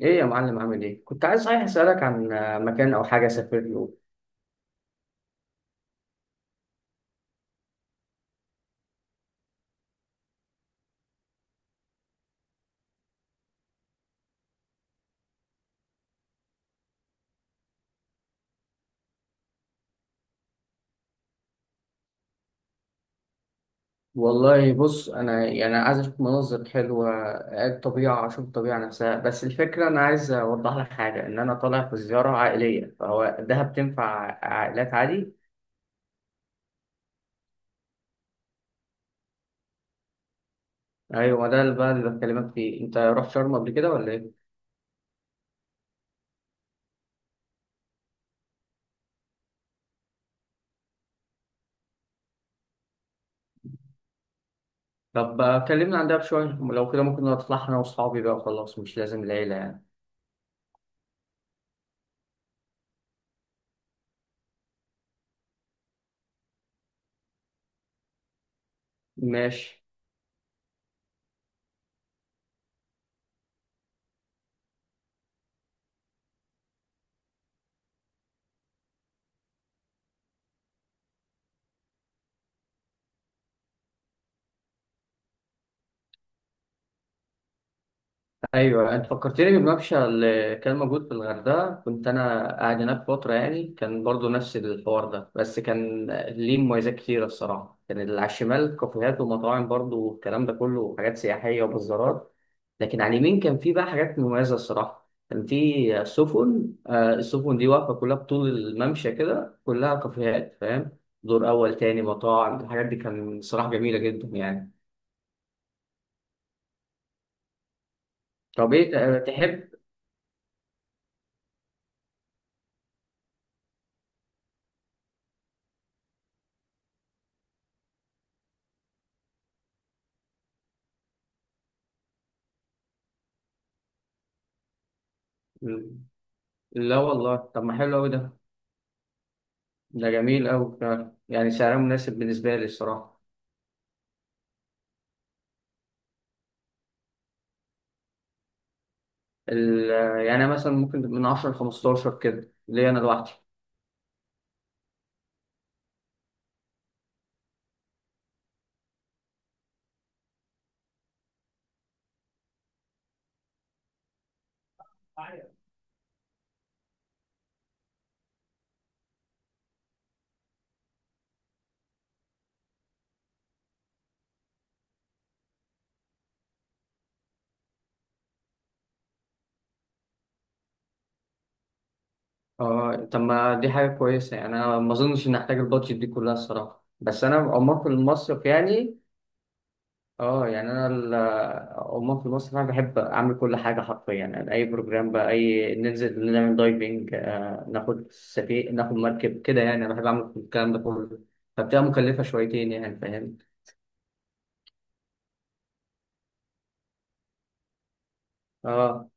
ايه يا معلم، عامل ايه؟ كنت عايز صحيح اسالك عن مكان او حاجه اسافر له. والله بص انا يعني عايز اشوف مناظر حلوه، الطبيعه، اشوف الطبيعه نفسها. بس الفكره انا عايز اوضح لك حاجه، ان انا طالع في زياره عائليه، فهو دهب تنفع عائلات عادي؟ ايوه ده اللي بقى اللي بكلمك فيه، انت رحت شرم قبل كده ولا ايه؟ طب كلمنا عن دهب شويه لو كده، ممكن نطلع انا واصحابي بقى وخلاص، مش لازم العيله يعني. ماشي. ايوه، انت فكرتني بالممشى اللي كان موجود في الغردقه، كنت انا قاعد هناك فتره يعني، كان برضو نفس الحوار ده، بس كان ليه مميزات كتيره الصراحه. كان اللي على الشمال كافيهات ومطاعم برضو، والكلام ده كله حاجات سياحيه وبازارات. لكن على اليمين كان في بقى حاجات مميزه الصراحه، كان في سفن، السفن دي واقفه كلها بطول الممشى كده، كلها كافيهات، فاهم؟ دور اول، تاني مطاعم، الحاجات دي كان صراحه جميله جدا يعني. طب ايه تحب؟ لا والله، طب ما حلو قوي ده. ده جميل أوي فعلا، يعني سعره مناسب بالنسبة لي الصراحة. ال- يعني أنا مثلا ممكن من 10 ل 15 كده ليا أنا لوحدي. اه، طب ما دي حاجة كويسة، يعني أنا ما أظنش إن أحتاج البادجت دي كلها الصراحة، بس أنا عموما في المصيف يعني. اه، يعني أنا عموما في المصيف أنا بحب أعمل كل حاجة حرفيا، يعني أي بروجرام بقى، أي ننزل نعمل دايفنج، آه ناخد سفينة، ناخد مركب كده، يعني أنا بحب أعمل الكلام ده كله. فبتبقى مكلفة شويتين يعني، فاهم؟ اه.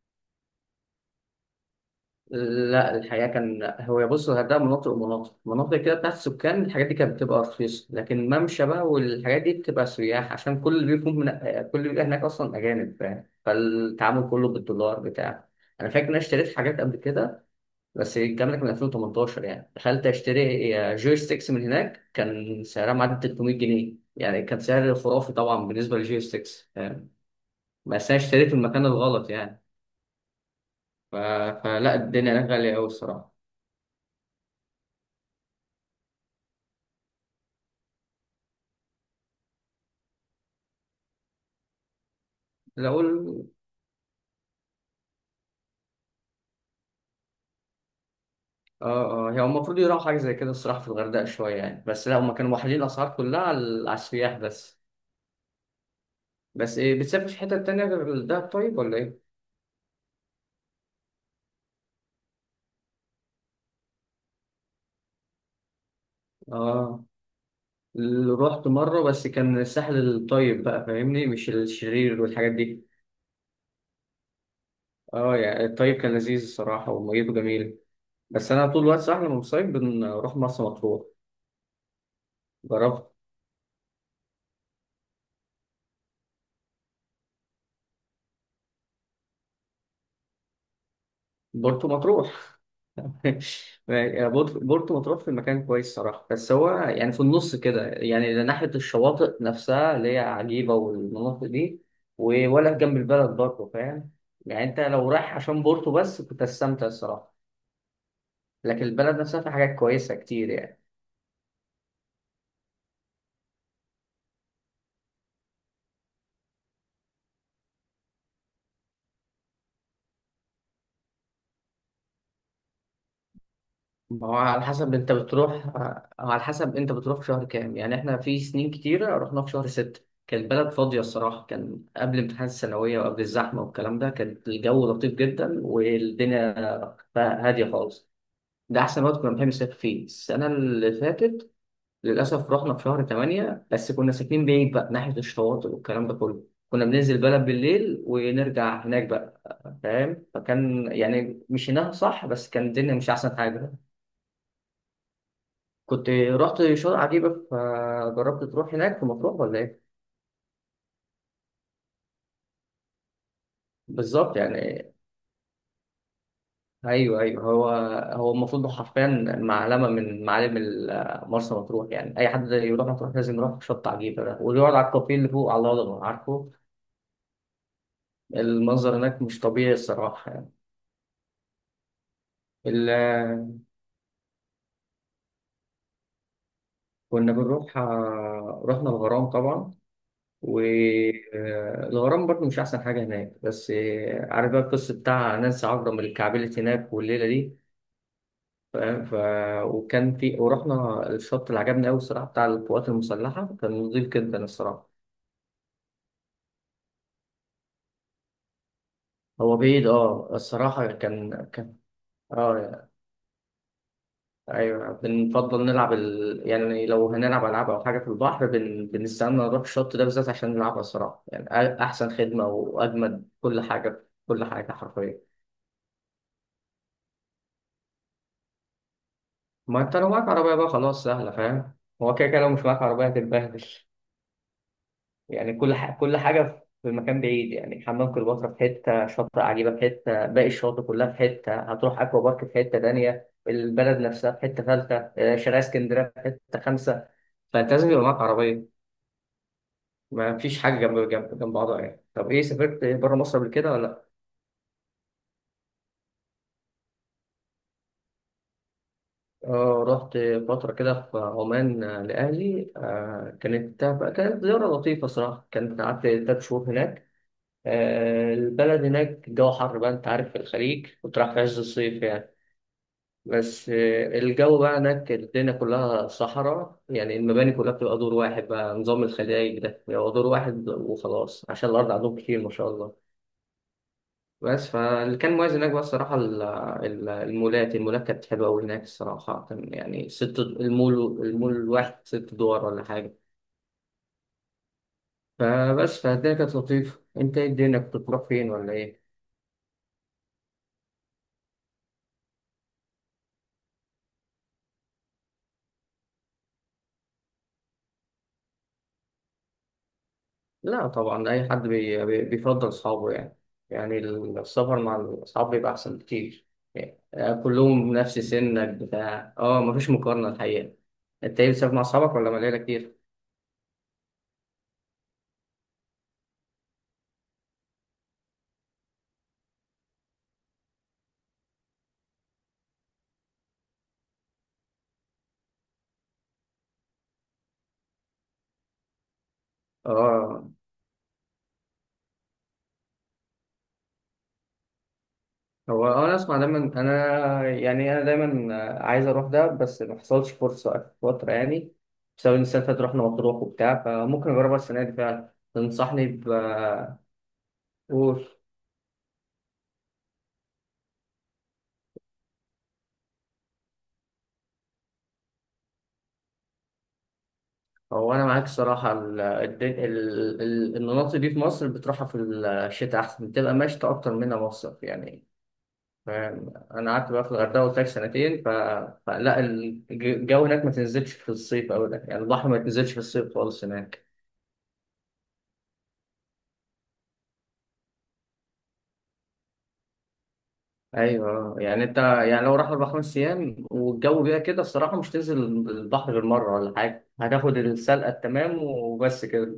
لا الحقيقة كان هو بص، الغردقة مناطق ومناطق، مناطق كده بتاعت السكان الحاجات دي كانت بتبقى رخيصة، لكن ممشى بقى والحاجات دي بتبقى سياح، عشان كل اللي بيفهم من، كل اللي بيبقى هناك أصلا أجانب، فاهم؟ فالتعامل كله بالدولار بتاع. أنا فاكر إن أنا اشتريت حاجات قبل كده، بس الكلام ده كان 2018 يعني. دخلت أشتري جوي ستيكس من هناك، كان سعرها معدي 300 جنيه، يعني كان سعر خرافي طبعا بالنسبة للجوي ستيكس، فاهم؟ بس أنا اشتريت في المكان الغلط يعني. ف... فلا الدنيا هناك غالية أوي الصراحة. لو اه، اه، هي المفروض يروحوا حاجة زي كده الصراحة في الغردقة شوية يعني، بس لا هما كانوا واحدين الأسعار كلها على، على السياح بس. بس إيه، بتسافر في حتة تانية غير الدهب طيب ولا إيه؟ اه، رحت مرة بس كان الساحل الطيب بقى، فاهمني؟ مش الشرير والحاجات دي. اه، يعني الطيب كان لذيذ الصراحة وميته جميل. بس أنا طول الوقت صح لما بنصيف بنروح مرسى مطروح. جربت برضه مطروح. بورتو مطروح في مكان كويس صراحة، بس هو يعني في النص كده، يعني ناحية الشواطئ نفسها اللي هي عجيبة والمناطق دي ولا جنب البلد، برضه فاهم؟ يعني أنت لو رايح عشان بورتو بس كنت هتستمتع الصراحة، لكن البلد نفسها في حاجات كويسة كتير يعني. ما هو على حسب انت بتروح، على حسب انت بتروح في شهر كام يعني. احنا في سنين كتيرة رحنا في شهر ستة، كانت البلد فاضية الصراحة، كان قبل امتحانات الثانوية وقبل الزحمة والكلام ده، كان الجو لطيف جدا والدنيا بقى هادية خالص. ده أحسن وقت كنا بنحب نسافر فيه. السنة اللي فاتت للأسف رحنا في شهر تمانية، بس كنا ساكنين بعيد بقى ناحية الشواطئ والكلام ده كله، كنا بننزل البلد بالليل ونرجع هناك بقى، فاهم؟ فكان يعني مشيناها صح، بس كان الدنيا مش أحسن حاجة. كنت رحت شاطئ عجيبة؟ فجربت تروح هناك في مطروح ولا ايه؟ بالظبط يعني. ايوه ايوه، هو هو المفروض حرفيا معلمة من معالم مرسى مطروح، يعني اي حد يروح مطروح لازم يروح شط عجيبة ده ويقعد على الكافيه اللي فوق على الهضبة، عارفه؟ المنظر هناك مش طبيعي الصراحة يعني. ال- كنا بنروح، رحنا الغرام طبعا. والغرام برضه مش أحسن حاجة هناك، بس عارف بقى القصة بتاع نانسي عجرم اللي اتكعبلت هناك والليلة دي، فاهم؟ وكان في، ورحنا الشط اللي عجبني قوي الصراحه بتاع القوات المسلحه، كان نضيف جدا الصراحه. هو بعيد اه الصراحه، كان كان، اه ايوه. يعني لو هنلعب العاب او حاجه في البحر بنستنى نروح الشط ده بالذات عشان نلعبها الصراحه يعني. احسن خدمه واجمد كل حاجه، كل حاجه حرفيا. ما انت لو معاك عربيه بقى خلاص سهله، فاهم؟ هو كده كده لو مش معاك عربيه هتتبهدل يعني. كل حاجة في مكان بعيد يعني، حمام كليوباترا في حتة، شاطئ عجيبة في حتة، باقي الشواطئ كلها في حتة، هتروح أكوا بارك في حتة تانية، البلد نفسها في حتة ثالثة، شارع اسكندرية في حتة خامسة، فأنت لازم يبقى معاك عربية. ما فيش حاجة جنب جنب جنب بعضها يعني. طب إيه، سافرت بره مصر قبل كده ولا لأ؟ آه رحت فترة كده في عمان، لأهلي، آه كانت كانت زيارة لطيفة صراحة، كانت قعدت تلات شهور هناك. البلد هناك الجو حر بقى، انت عارف في الخليج، كنت رايح في عز الصيف يعني. بس الجو بقى هناك الدنيا كلها صحراء يعني، المباني كلها بتبقى دور واحد بقى، نظام الخلايج ده بيبقى دور واحد وخلاص عشان الأرض عندهم كتير ما شاء الله. بس فاللي كان مميز هناك بقى الصراحة المولات، المولات كانت حلوة أوي هناك الصراحة، كان يعني ست المول. المول الواحد ست دول ولا حاجة. فبس فالدنيا كانت لطيفة. أنت إيه، الدنيا كنت بتروح فين ولا إيه؟ لا طبعا، أي حد بيفضل أصحابه يعني، يعني السفر مع الأصحاب بيبقى أحسن بكتير يعني. كلهم نفس سنك بتاع، اه مفيش مقارنة الحقيقة. أنت إيه، بتسافر مع أصحابك ولا مع العيلة كتير؟ اه. هو أنا أسمع دايما، أنا يعني أنا دايما عايز أروح ده، بس ما حصلش فرصة آخر فترة يعني، بسبب إن السنة اللي فاتت رحنا مطروح وبتاع. فممكن أجربها السنة دي فعلا، تنصحني ب، قول. هو انا معاك صراحه، المناطق دي في مصر بتروحها في الشتاء احسن، بتبقى مشتى اكتر منها مصيف يعني، فاهم؟ انا قعدت بقى في الغردقه قلت لك سنتين، فلا الجو هناك ما تنزلش في الصيف او ده، يعني البحر ما تنزلش في الصيف خالص هناك. ايوه يعني، انت يعني لو راح اربع خمس ايام والجو بقى كده الصراحه مش تنزل البحر غير مره ولا حاجه، هتاخد السلقه التمام وبس كده.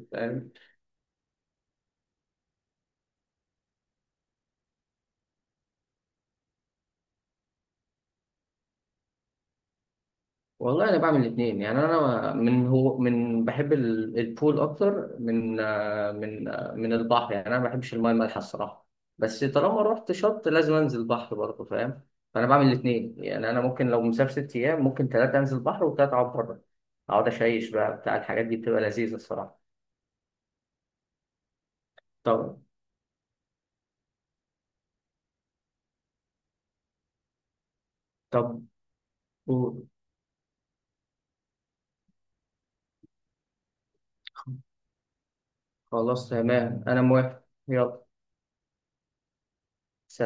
والله انا بعمل الاثنين يعني. انا من هو من بحب البول اكتر من من البحر يعني، انا ما بحبش المايه المالحه الصراحه، بس طالما رحت شط لازم انزل بحر برضه، فاهم؟ فانا بعمل الاثنين يعني. انا ممكن لو مسافر ست ايام ممكن ثلاثه انزل بحر وثلاثه اقعد بره، اقعد اشيش بقى بتاع، الحاجات دي بتبقى لذيذه الصراحه. طب، طب قول. خلاص تمام انا موافق، يلا، سلام.